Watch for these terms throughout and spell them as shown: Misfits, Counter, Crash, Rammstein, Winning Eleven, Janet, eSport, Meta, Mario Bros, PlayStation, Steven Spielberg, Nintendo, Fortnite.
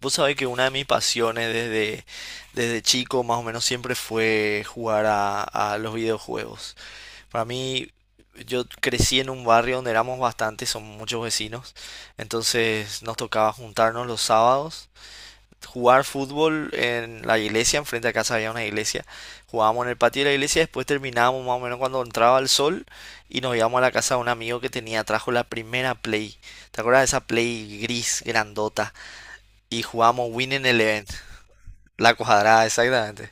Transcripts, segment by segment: Vos sabés que una de mis pasiones desde chico más o menos siempre fue jugar a los videojuegos. Para mí, yo crecí en un barrio donde éramos bastantes, son muchos vecinos, entonces nos tocaba juntarnos los sábados, jugar fútbol en la iglesia, enfrente a casa había una iglesia, jugábamos en el patio de la iglesia, después terminábamos más o menos cuando entraba el sol y nos íbamos a la casa de un amigo que tenía, trajo la primera Play, ¿te acuerdas de esa Play gris grandota? Y jugábamos Winning Eleven. La cuadrada, exactamente.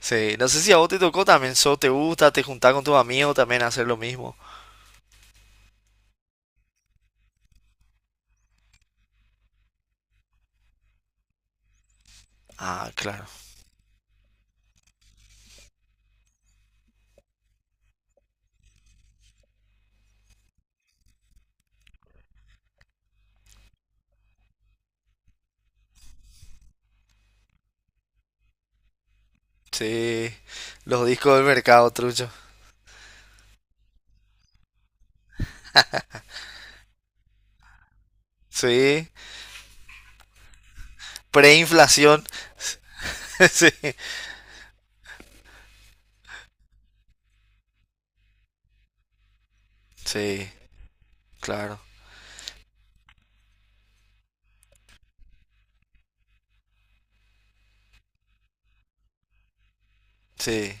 Sí, no sé si a vos te tocó también, te gusta, te juntás con tus amigos también a hacer lo mismo. Ah, claro. Sí, los discos del mercado, trucho. Sí, preinflación. Sí, sí, claro. Sí.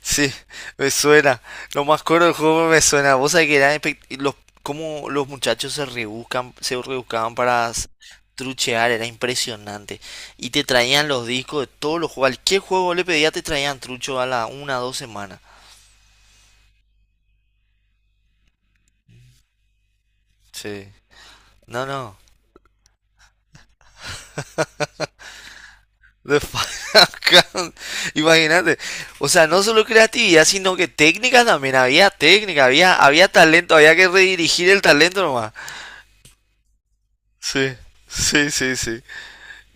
Sí, me suena. Lo más coro del juego me suena. Vos sabés que eran espe- y los, cómo los muchachos se rebuscaban para truchear, era impresionante. Y te traían los discos de todos los juegos. Cualquier juego vos le pedía te traían trucho a la una o dos semanas. Sí. No, no. The Final Count. Imagínate. O sea, no solo creatividad, sino que técnicas también. Había técnica, había talento, había que redirigir el talento nomás. Sí, sí, sí, sí.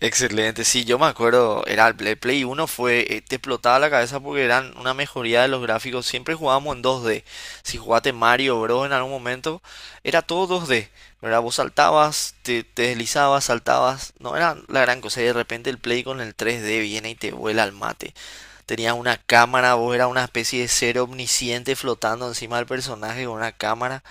Excelente, sí, yo me acuerdo, era Play 1 fue, te explotaba la cabeza porque eran una mejoría de los gráficos, siempre jugábamos en 2D, si jugaste Mario Bros en algún momento, era todo 2D, ¿verdad? Vos saltabas, te deslizabas, saltabas, no era la gran cosa, y de repente el Play con el 3D viene y te vuela al mate, tenías una cámara, vos eras una especie de ser omnisciente flotando encima del personaje con una cámara,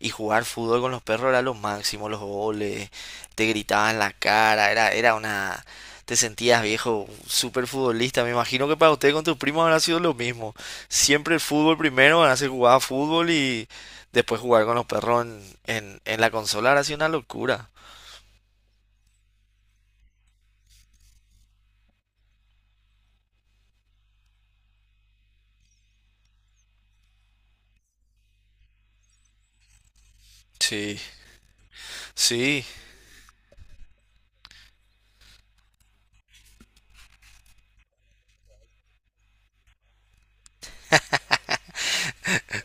y jugar fútbol con los perros era lo máximo, los goles, te gritaban la cara. Te sentías viejo, súper futbolista. Me imagino que para usted con tus primos habrá sido lo mismo. Siempre el fútbol primero, van a hacer jugar a fútbol y después jugar con los perros en la consola habrá sido una locura. Sí, sí.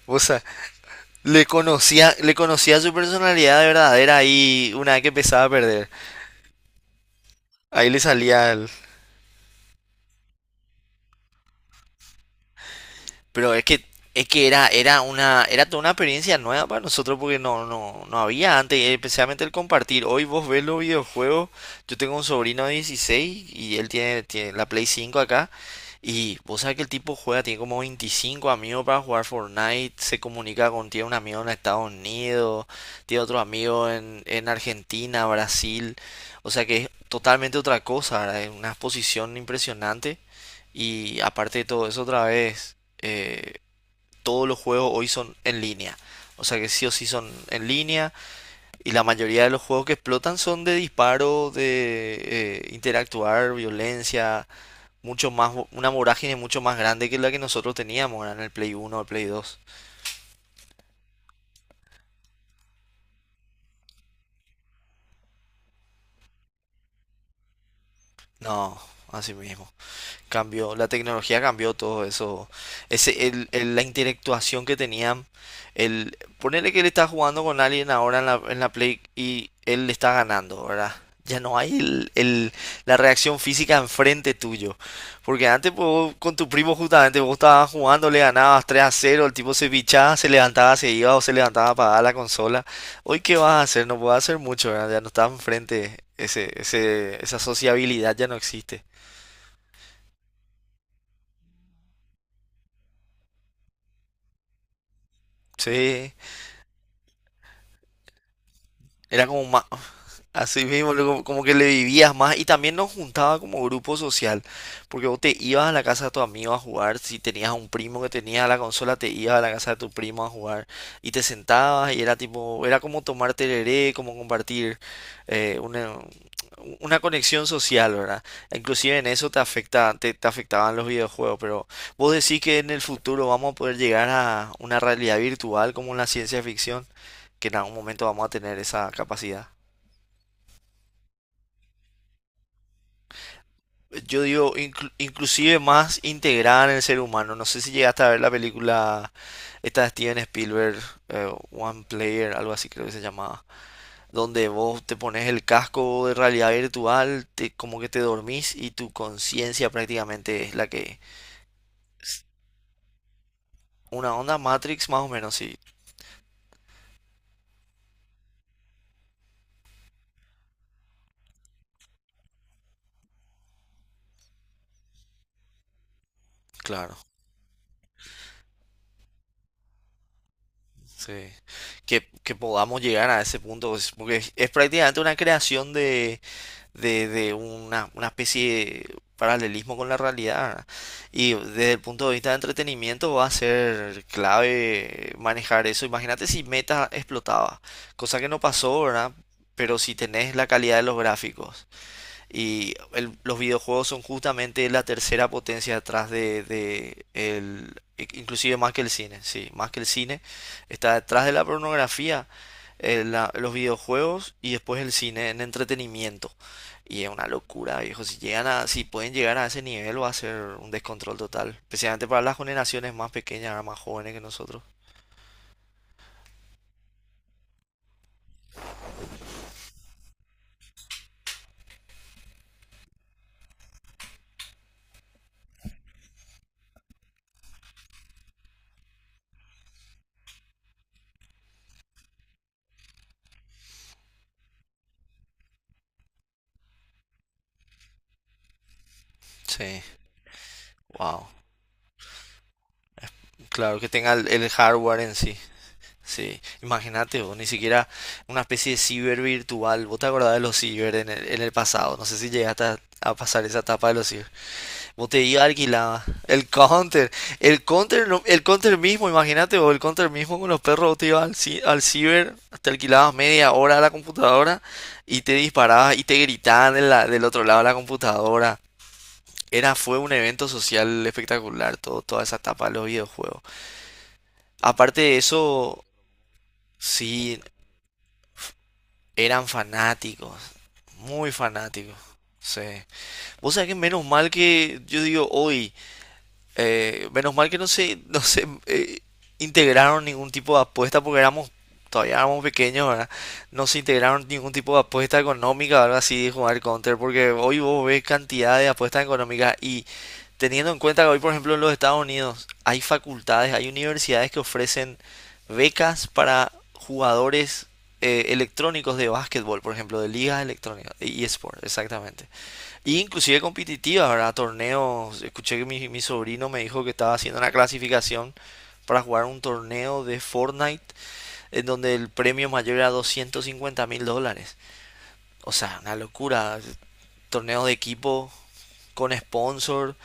O sea, le conocía su personalidad de verdadera ahí una vez que empezaba a perder. Ahí le salía el. Pero es que era, era toda una experiencia nueva para nosotros porque no había antes, y especialmente el compartir. Hoy vos ves los videojuegos, yo tengo un sobrino de 16 y él tiene la Play 5 acá. Y vos sabés que el tipo juega, tiene como 25 amigos para jugar Fortnite, se comunica con, tiene un amigo en Estados Unidos, tiene otro amigo en Argentina, Brasil. O sea que es totalmente otra cosa, ¿verdad? Es una exposición impresionante. Y aparte de todo eso, otra vez, todos los juegos hoy son en línea. O sea que sí o sí son en línea. Y la mayoría de los juegos que explotan son de disparo, de interactuar, violencia. Mucho más, una vorágine mucho más grande que la que nosotros teníamos, ¿verdad?, en el Play 1 o el Play 2. No, así mismo. Cambió, la tecnología cambió todo eso. La interactuación que tenían. Ponerle que él está jugando con alguien ahora en la Play y él le está ganando, ¿verdad? Ya no hay la reacción física enfrente tuyo. Porque antes pues, vos con tu primo justamente vos estabas jugando, le ganabas 3 a cero, el tipo se pichaba, se levantaba, se iba o se levantaba a apagar la consola. Hoy qué vas a hacer, no puedes hacer mucho, ¿verdad? Ya no está enfrente, esa sociabilidad ya no existe. Sí. Era como más, así mismo, luego como que le vivías más y también nos juntaba como grupo social, porque vos te ibas a la casa de tu amigo a jugar, si tenías un primo que tenía la consola, te ibas a la casa de tu primo a jugar y te sentabas y era tipo, era como tomar tereré, como compartir eh, una, una conexión social, ¿verdad? Inclusive en eso te afecta, te afectaban los videojuegos, pero vos decís que en el futuro vamos a poder llegar a una realidad virtual como en la ciencia ficción, que en algún momento vamos a tener esa capacidad. Yo digo, inclusive más integrada en el ser humano. No sé si llegaste a ver la película esta de Steven Spielberg, One Player, algo así creo que se llamaba, donde vos te pones el casco de realidad virtual, como que te dormís y tu conciencia prácticamente es la que... Una onda Matrix más o menos, sí, claro. Sí. Que podamos llegar a ese punto, pues, porque es prácticamente una creación de una especie de paralelismo con la realidad. Y desde el punto de vista de entretenimiento va a ser clave manejar eso. Imagínate si Meta explotaba, cosa que no pasó, ¿verdad? Pero si tenés la calidad de los gráficos y los videojuegos son justamente la tercera potencia detrás de el, inclusive más que el cine, sí, más que el cine, está detrás de la pornografía, los videojuegos y después el cine en entretenimiento. Y es una locura, viejo. Si pueden llegar a ese nivel, va a ser un descontrol total. Especialmente para las generaciones más pequeñas, más jóvenes que nosotros. Sí, wow. Claro que tenga el hardware en sí. Sí, imagínate vos, ni siquiera una especie de ciber virtual. ¿Vos te acordás de los ciber en el pasado? No sé si llegaste a pasar esa etapa de los ciber. Vos te ibas alquilaba el counter, no- el counter mismo, imagínate vos, el counter mismo con los perros, vos te ibas al ciber, te alquilabas media hora a la computadora y te disparabas y te gritaban del otro lado de la computadora. Fue un evento social espectacular, toda esa etapa de los videojuegos. Aparte de eso, sí. Eran fanáticos, muy fanáticos. Sí. Vos sabés que menos mal que yo digo hoy, menos mal que no se integraron ningún tipo de apuesta porque éramos todavía éramos pequeños, ¿verdad? No se integraron ningún tipo de apuesta económica, o algo así de jugar Counter, porque hoy vos ves cantidad de apuestas económicas y teniendo en cuenta que hoy, por ejemplo, en los Estados Unidos hay facultades, hay universidades que ofrecen becas para jugadores electrónicos de básquetbol, por ejemplo, de ligas electrónicas, de eSport, exactamente. Y inclusive competitivas, ¿verdad? Torneos. Escuché que mi sobrino me dijo que estaba haciendo una clasificación para jugar un torneo de Fortnite en donde el premio mayor era 250 mil dólares. O sea, una locura. Torneos de equipo con sponsor.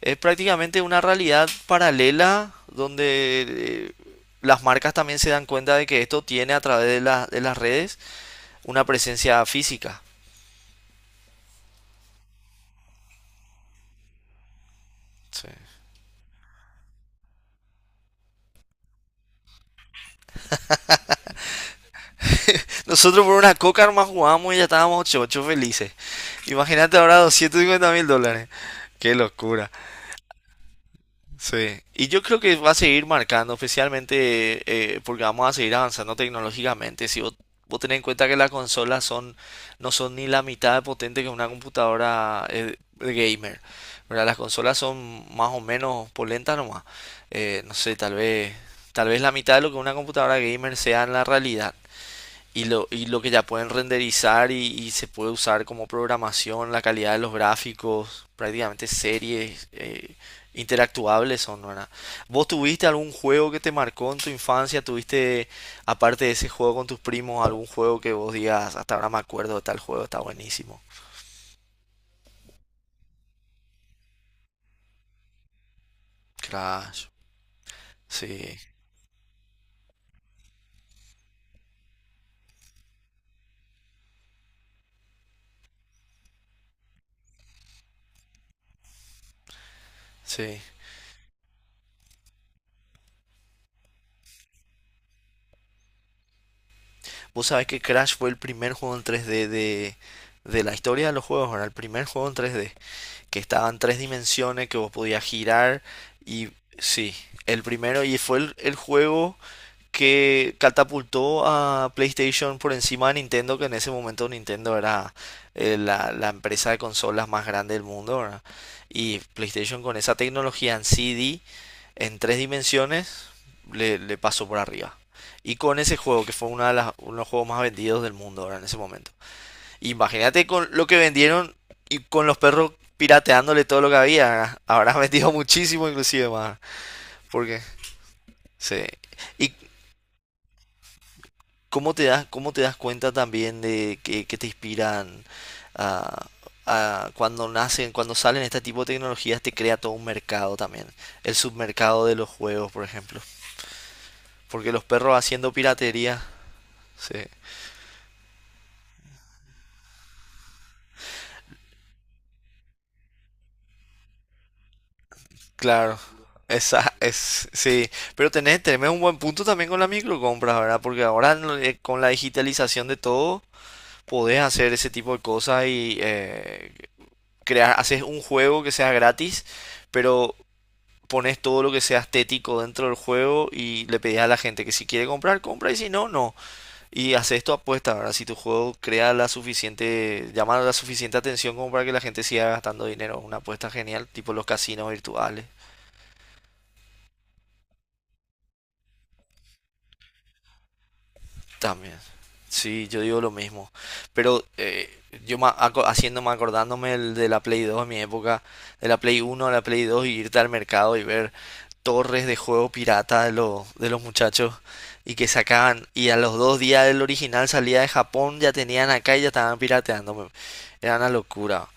Es prácticamente una realidad paralela donde las marcas también se dan cuenta de que esto tiene a través de las redes una presencia física. Sí. Nosotros por una coca nomás jugábamos y ya estábamos ocho ocho felices. Imagínate ahora $250.000. Qué locura. Sí. Y yo creo que va a seguir marcando, especialmente porque vamos a seguir avanzando tecnológicamente. Si vos tenés en cuenta que las consolas no son ni la mitad de potente que una computadora de gamer, ¿verdad? Las consolas son más o menos polentas nomás. No sé, tal vez la mitad de lo que una computadora gamer sea en la realidad. Y lo que ya pueden renderizar y se puede usar como programación, la calidad de los gráficos, prácticamente series interactuables son, ¿verdad? ¿Vos tuviste algún juego que te marcó en tu infancia? ¿Tuviste, aparte de ese juego con tus primos, algún juego que vos digas, hasta ahora me acuerdo de tal juego, está buenísimo? Crash, sí, sí. Vos sabés que Crash fue el primer juego en 3D de la historia de los juegos, ¿verdad? El primer juego en 3D, que estaba en tres dimensiones, que vos podías girar y sí, el primero y fue el juego que catapultó a PlayStation por encima de Nintendo, que en ese momento Nintendo era la empresa de consolas más grande del mundo, ¿verdad? Y PlayStation con esa tecnología en 3D en tres dimensiones, le pasó por arriba. Y con ese juego, que fue uno de los juegos más vendidos del mundo ahora en ese momento. Imagínate con lo que vendieron y con los perros pirateándole todo lo que había. Habrás vendido muchísimo inclusive más. Porque, sí. ¿Y cómo te das cuenta también de que te inspiran a, a cuando salen este tipo de tecnologías, te crea todo un mercado también? El submercado de los juegos, por ejemplo. Porque los perros haciendo piratería, sí. Claro, esa es, sí, pero tenés un buen punto también con la microcompras, ¿verdad? Porque ahora en con la digitalización de todo, podés hacer ese tipo de cosas y crear, haces un juego que sea gratis, pero pones todo lo que sea estético dentro del juego y le pedís a la gente que si quiere comprar, compra y si no, no. Y haces tu apuesta, ¿verdad? Si tu juego llama la suficiente atención como para que la gente siga gastando dinero, una apuesta genial, tipo los casinos virtuales. También. Sí, yo digo lo mismo. Pero yo acordándome el de la Play 2 en mi época, de la Play 1 a la Play 2, y irte al mercado y ver torres de juego pirata los de los muchachos y que sacaban. Y a los dos días el original salía de Japón, ya tenían acá y ya estaban pirateando. Era una locura.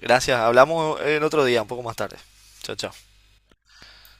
Gracias, hablamos el otro día, un poco más tarde. Chao, chao.